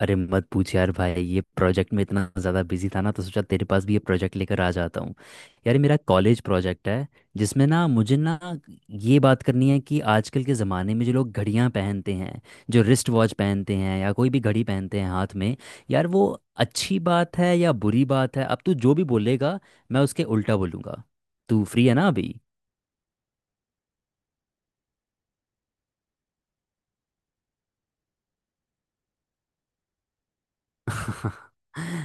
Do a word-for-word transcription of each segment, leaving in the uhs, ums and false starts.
अरे मत पूछ यार भाई। ये प्रोजेक्ट में इतना ज़्यादा बिजी था ना, तो सोचा तेरे पास भी ये प्रोजेक्ट लेकर आ जाता हूँ। यार ये मेरा कॉलेज प्रोजेक्ट है जिसमें ना मुझे ना ये बात करनी है कि आजकल के ज़माने में जो लोग घड़ियाँ पहनते हैं, जो रिस्ट वॉच पहनते हैं या कोई भी घड़ी पहनते हैं हाथ में, यार वो अच्छी बात है या बुरी बात है। अब तू जो भी बोलेगा मैं उसके उल्टा बोलूँगा। तू फ्री है ना अभी?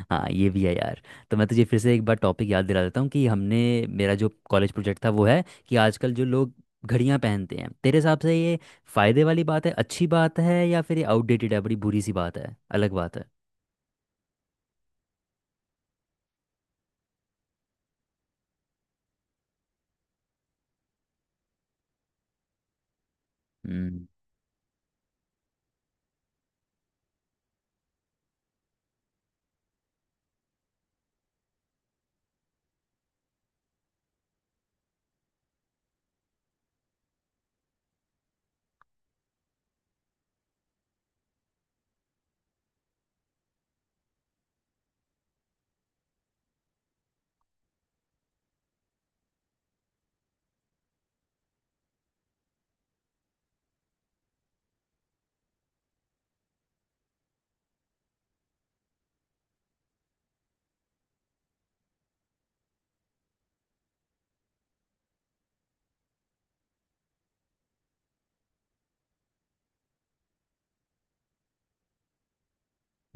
हाँ ये भी है यार। तो मैं तुझे फिर से एक बार टॉपिक याद दिला देता हूँ कि हमने, मेरा जो कॉलेज प्रोजेक्ट था वो है कि आजकल जो लोग घड़ियां पहनते हैं, तेरे हिसाब से ये फायदे वाली बात है, अच्छी बात है, या फिर ये आउटडेटेड है, बड़ी बुरी सी बात है, अलग बात है। हम्म।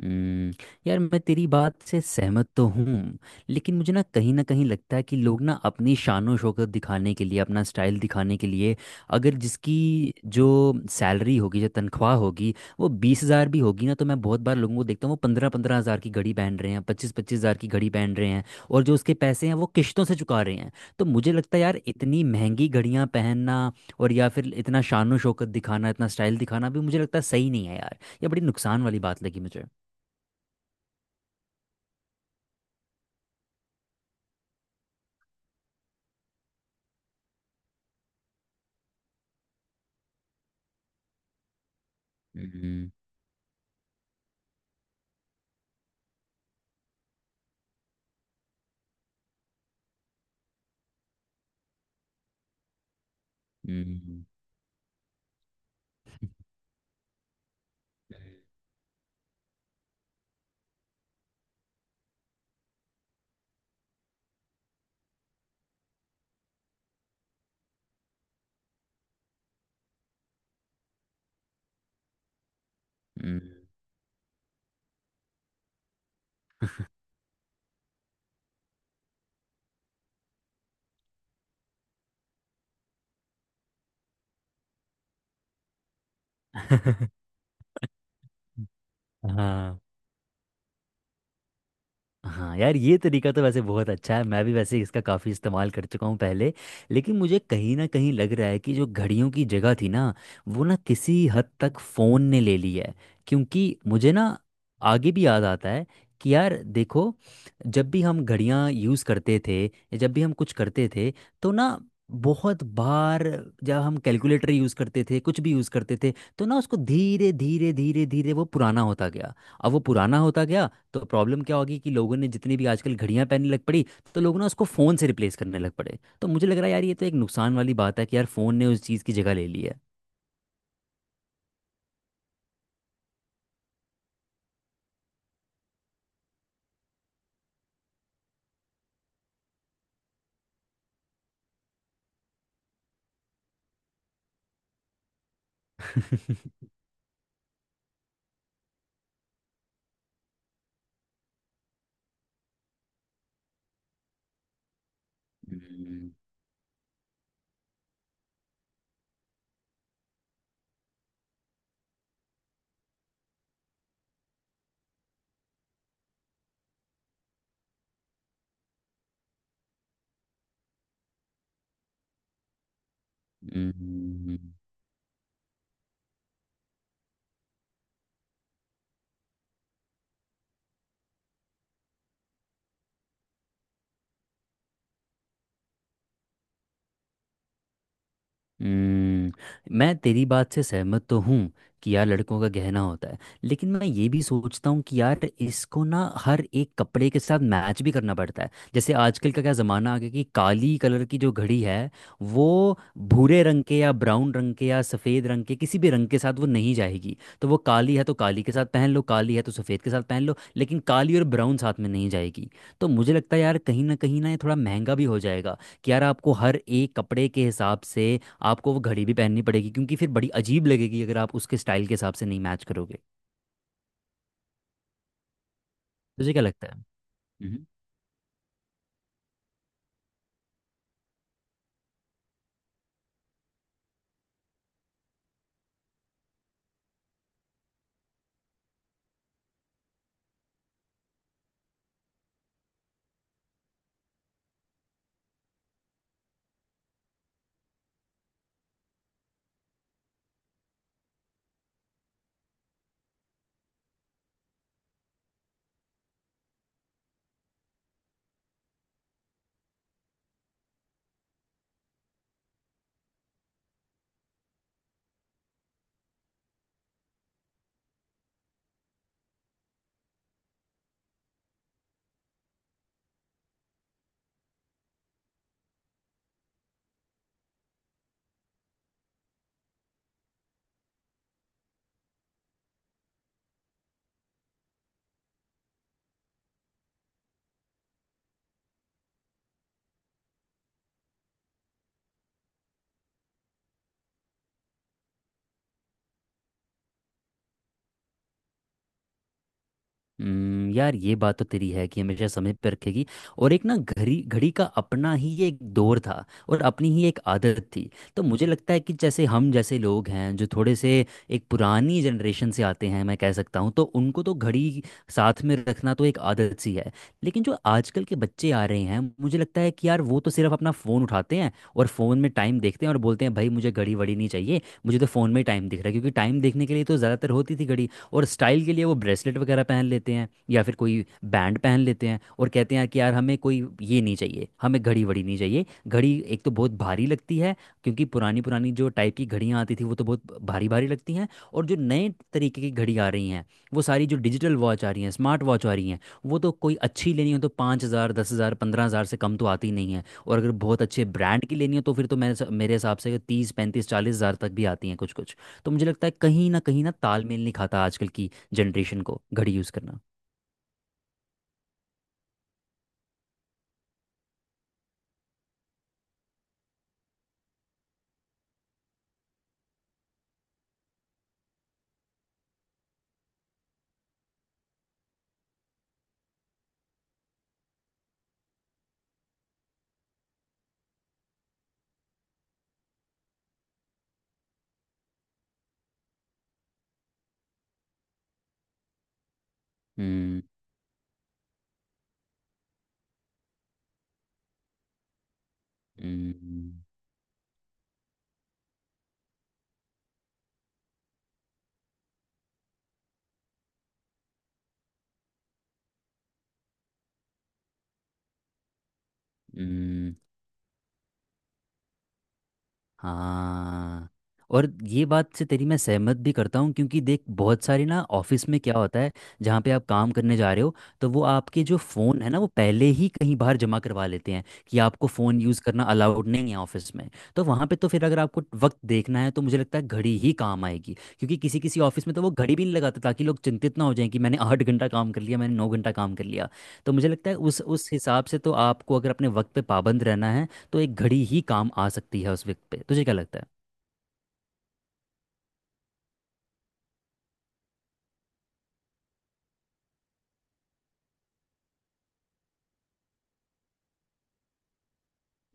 हम्म, यार मैं तेरी बात से सहमत तो हूँ, लेकिन मुझे ना कहीं ना कहीं लगता है कि लोग ना अपनी शानो शौकत दिखाने के लिए, अपना स्टाइल दिखाने के लिए, अगर जिसकी जो सैलरी होगी, जो तनख्वाह होगी, वो बीस हज़ार भी होगी ना, तो मैं बहुत बार लोगों को देखता हूँ वो पंद्रह पंद्रह हज़ार की घड़ी पहन रहे हैं, पच्चीस पच्चीस हज़ार की घड़ी पहन रहे हैं, और जो उसके पैसे हैं वो किश्तों से चुका रहे हैं। तो मुझे लगता है यार इतनी महंगी घड़ियाँ पहनना, और या फिर इतना शानो शौकत दिखाना इतना स्टाइल दिखाना भी मुझे लगता है सही नहीं है यार। ये बड़ी नुकसान वाली बात लगी मुझे। हम्म, हम्म, हम्म। हाँ। हाँ यार ये तरीका तो वैसे बहुत अच्छा है, मैं भी वैसे इसका काफ़ी इस्तेमाल कर चुका हूँ पहले। लेकिन मुझे कहीं ना कहीं लग रहा है कि जो घड़ियों की जगह थी ना, वो ना किसी हद तक फ़ोन ने ले ली है। क्योंकि मुझे ना आगे भी याद आता है कि यार देखो, जब भी हम घड़ियाँ यूज़ करते थे या जब भी हम कुछ करते थे तो ना, बहुत बार जब हम कैलकुलेटर यूज़ करते थे, कुछ भी यूज़ करते थे, तो ना उसको धीरे धीरे धीरे धीरे वो पुराना होता गया। अब वो पुराना होता गया। तो प्रॉब्लम क्या होगी कि लोगों ने जितनी भी आजकल घड़ियां पहनने लग पड़ी, तो लोगों ने उसको फ़ोन से रिप्लेस करने लग पड़े। तो मुझे लग रहा है यार ये तो एक नुकसान वाली बात है कि यार फ़ोन ने उस चीज़ की जगह ले ली है। हम्म, हम्म, हम्म, मैं तेरी बात से सहमत तो हूँ कि यार लड़कों का गहना होता है, लेकिन मैं ये भी सोचता हूँ कि यार इसको ना हर एक कपड़े के साथ मैच भी करना पड़ता है। जैसे आजकल का क्या ज़माना आ गया कि काली कलर की जो घड़ी है, वो भूरे रंग के या ब्राउन रंग के या सफ़ेद रंग के किसी भी रंग के साथ वो नहीं जाएगी। तो वो काली है तो काली के साथ पहन लो, काली है तो सफ़ेद के साथ पहन लो, लेकिन काली और ब्राउन साथ में नहीं जाएगी। तो मुझे लगता है यार कहीं ना कहीं ना ये थोड़ा महंगा भी हो जाएगा कि यार आपको हर एक कपड़े के हिसाब से आपको वो घड़ी भी पहननी पड़ेगी, क्योंकि फिर बड़ी अजीब लगेगी अगर आप उसके स्टाइल के हिसाब से नहीं मैच करोगे। तुझे क्या लगता है? हम्म, यार ये बात तो तेरी है कि हमेशा समय पे रखेगी। और एक ना घड़ी घड़ी का अपना ही एक दौर था और अपनी ही एक आदत थी। तो मुझे लगता है कि जैसे हम जैसे लोग हैं जो थोड़े से एक पुरानी जनरेशन से आते हैं, मैं कह सकता हूँ, तो उनको तो घड़ी साथ में रखना तो एक आदत सी है। लेकिन जो आजकल के बच्चे आ रहे हैं मुझे लगता है कि यार वो तो सिर्फ अपना फ़ोन उठाते हैं और फ़ोन में टाइम देखते हैं और बोलते हैं भाई मुझे घड़ी वड़ी नहीं चाहिए, मुझे तो फ़ोन में टाइम दिख रहा है, क्योंकि टाइम देखने के लिए तो ज़्यादातर होती थी घड़ी। और स्टाइल के लिए वो ब्रेसलेट वगैरह पहन लेते हैं या फिर कोई बैंड पहन लेते हैं और कहते हैं कि यार हमें कोई ये नहीं चाहिए, हमें घड़ी वड़ी नहीं चाहिए। घड़ी एक तो बहुत भारी लगती है, क्योंकि पुरानी पुरानी जो टाइप की घड़ियाँ आती थी वो तो बहुत भारी भारी लगती हैं। और जो नए तरीके की घड़ी आ रही हैं, वो सारी जो डिजिटल वॉच आ रही हैं, स्मार्ट वॉच आ रही हैं, वो तो कोई अच्छी लेनी हो तो पाँच हज़ार दस हज़ार पंद्रह हज़ार से कम तो आती नहीं है, और अगर बहुत अच्छे ब्रांड की लेनी हो तो फिर तो मेरे मेरे हिसाब से तीस पैंतीस चालीस हज़ार तक भी आती हैं कुछ कुछ। तो मुझे लगता है कहीं ना कहीं ना तालमेल नहीं खाता आजकल की जनरेशन को घड़ी यूज़ करना। हम्म, हम्म, हम्म, हाँ। और ये बात से तेरी मैं सहमत भी करता हूँ, क्योंकि देख बहुत सारी ना ऑफिस में क्या होता है, जहाँ पे आप काम करने जा रहे हो तो वो आपके जो फ़ोन है ना वो पहले ही कहीं बाहर जमा करवा लेते हैं कि आपको फ़ोन यूज़ करना अलाउड नहीं है ऑफिस में। तो वहाँ पे तो फिर अगर आपको वक्त देखना है तो मुझे लगता है घड़ी ही काम आएगी। क्योंकि किसी किसी ऑफिस में तो वो घड़ी भी नहीं लगाते ताकि लोग चिंतित ना हो जाएं कि मैंने आठ घंटा काम कर लिया मैंने नौ घंटा काम कर लिया। तो मुझे लगता है उस उस हिसाब से तो आपको अगर अपने वक्त पे पाबंद रहना है तो एक घड़ी ही काम आ सकती है उस वक्त पे। तुझे क्या लगता है?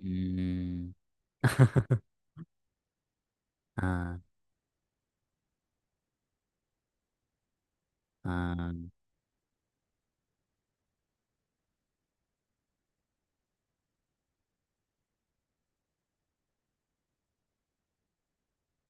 हम्म। हाँ। हाँ।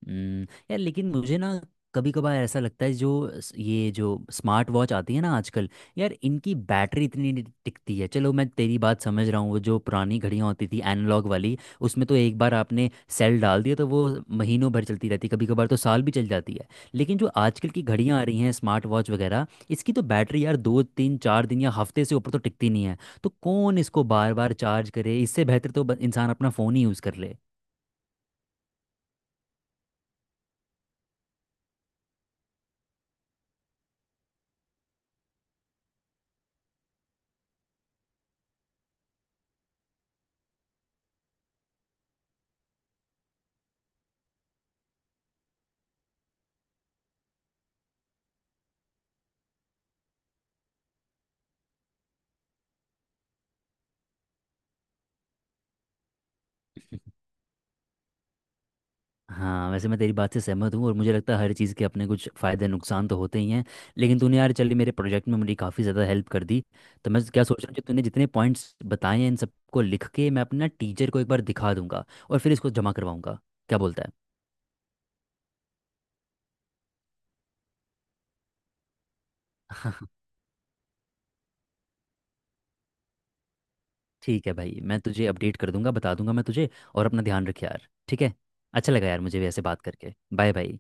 हम्म, यार लेकिन मुझे ना कभी कभार ऐसा लगता है जो स- ये जो स्मार्ट वॉच आती है ना आजकल, यार इनकी बैटरी इतनी नहीं टिकती है। चलो मैं तेरी बात समझ रहा हूँ, वो जो पुरानी घड़ियाँ होती थी एनालॉग वाली, उसमें तो एक बार आपने सेल डाल दिया तो वो महीनों भर चलती रहती, कभी कभार तो साल भी चल जाती है। लेकिन जो आजकल की घड़ियाँ आ रही हैं स्मार्ट वॉच वगैरह, इसकी तो बैटरी यार दो तीन चार दिन या हफ्ते से ऊपर तो टिकती नहीं है। तो कौन इसको बार बार चार्ज करे? इससे बेहतर तो ब- इंसान अपना फ़ोन ही यूज़ कर ले। हाँ वैसे मैं तेरी बात से सहमत हूँ और मुझे लगता है हर चीज़ के अपने कुछ फ़ायदे नुकसान तो होते ही हैं। लेकिन तूने यार चल मेरे प्रोजेक्ट में मेरी काफ़ी ज़्यादा हेल्प कर दी। तो मैं क्या सोच रहा हूँ कि तूने जितने पॉइंट्स बताए हैं इन सबको लिख के मैं अपना टीचर को एक बार दिखा दूंगा, और फिर इसको जमा करवाऊंगा। क्या बोलता है? हाँ, ठीक है भाई, मैं तुझे अपडेट कर दूंगा, बता दूंगा मैं तुझे। और अपना ध्यान रख यार, ठीक है? अच्छा लगा यार मुझे भी ऐसे बात करके। Bye bye.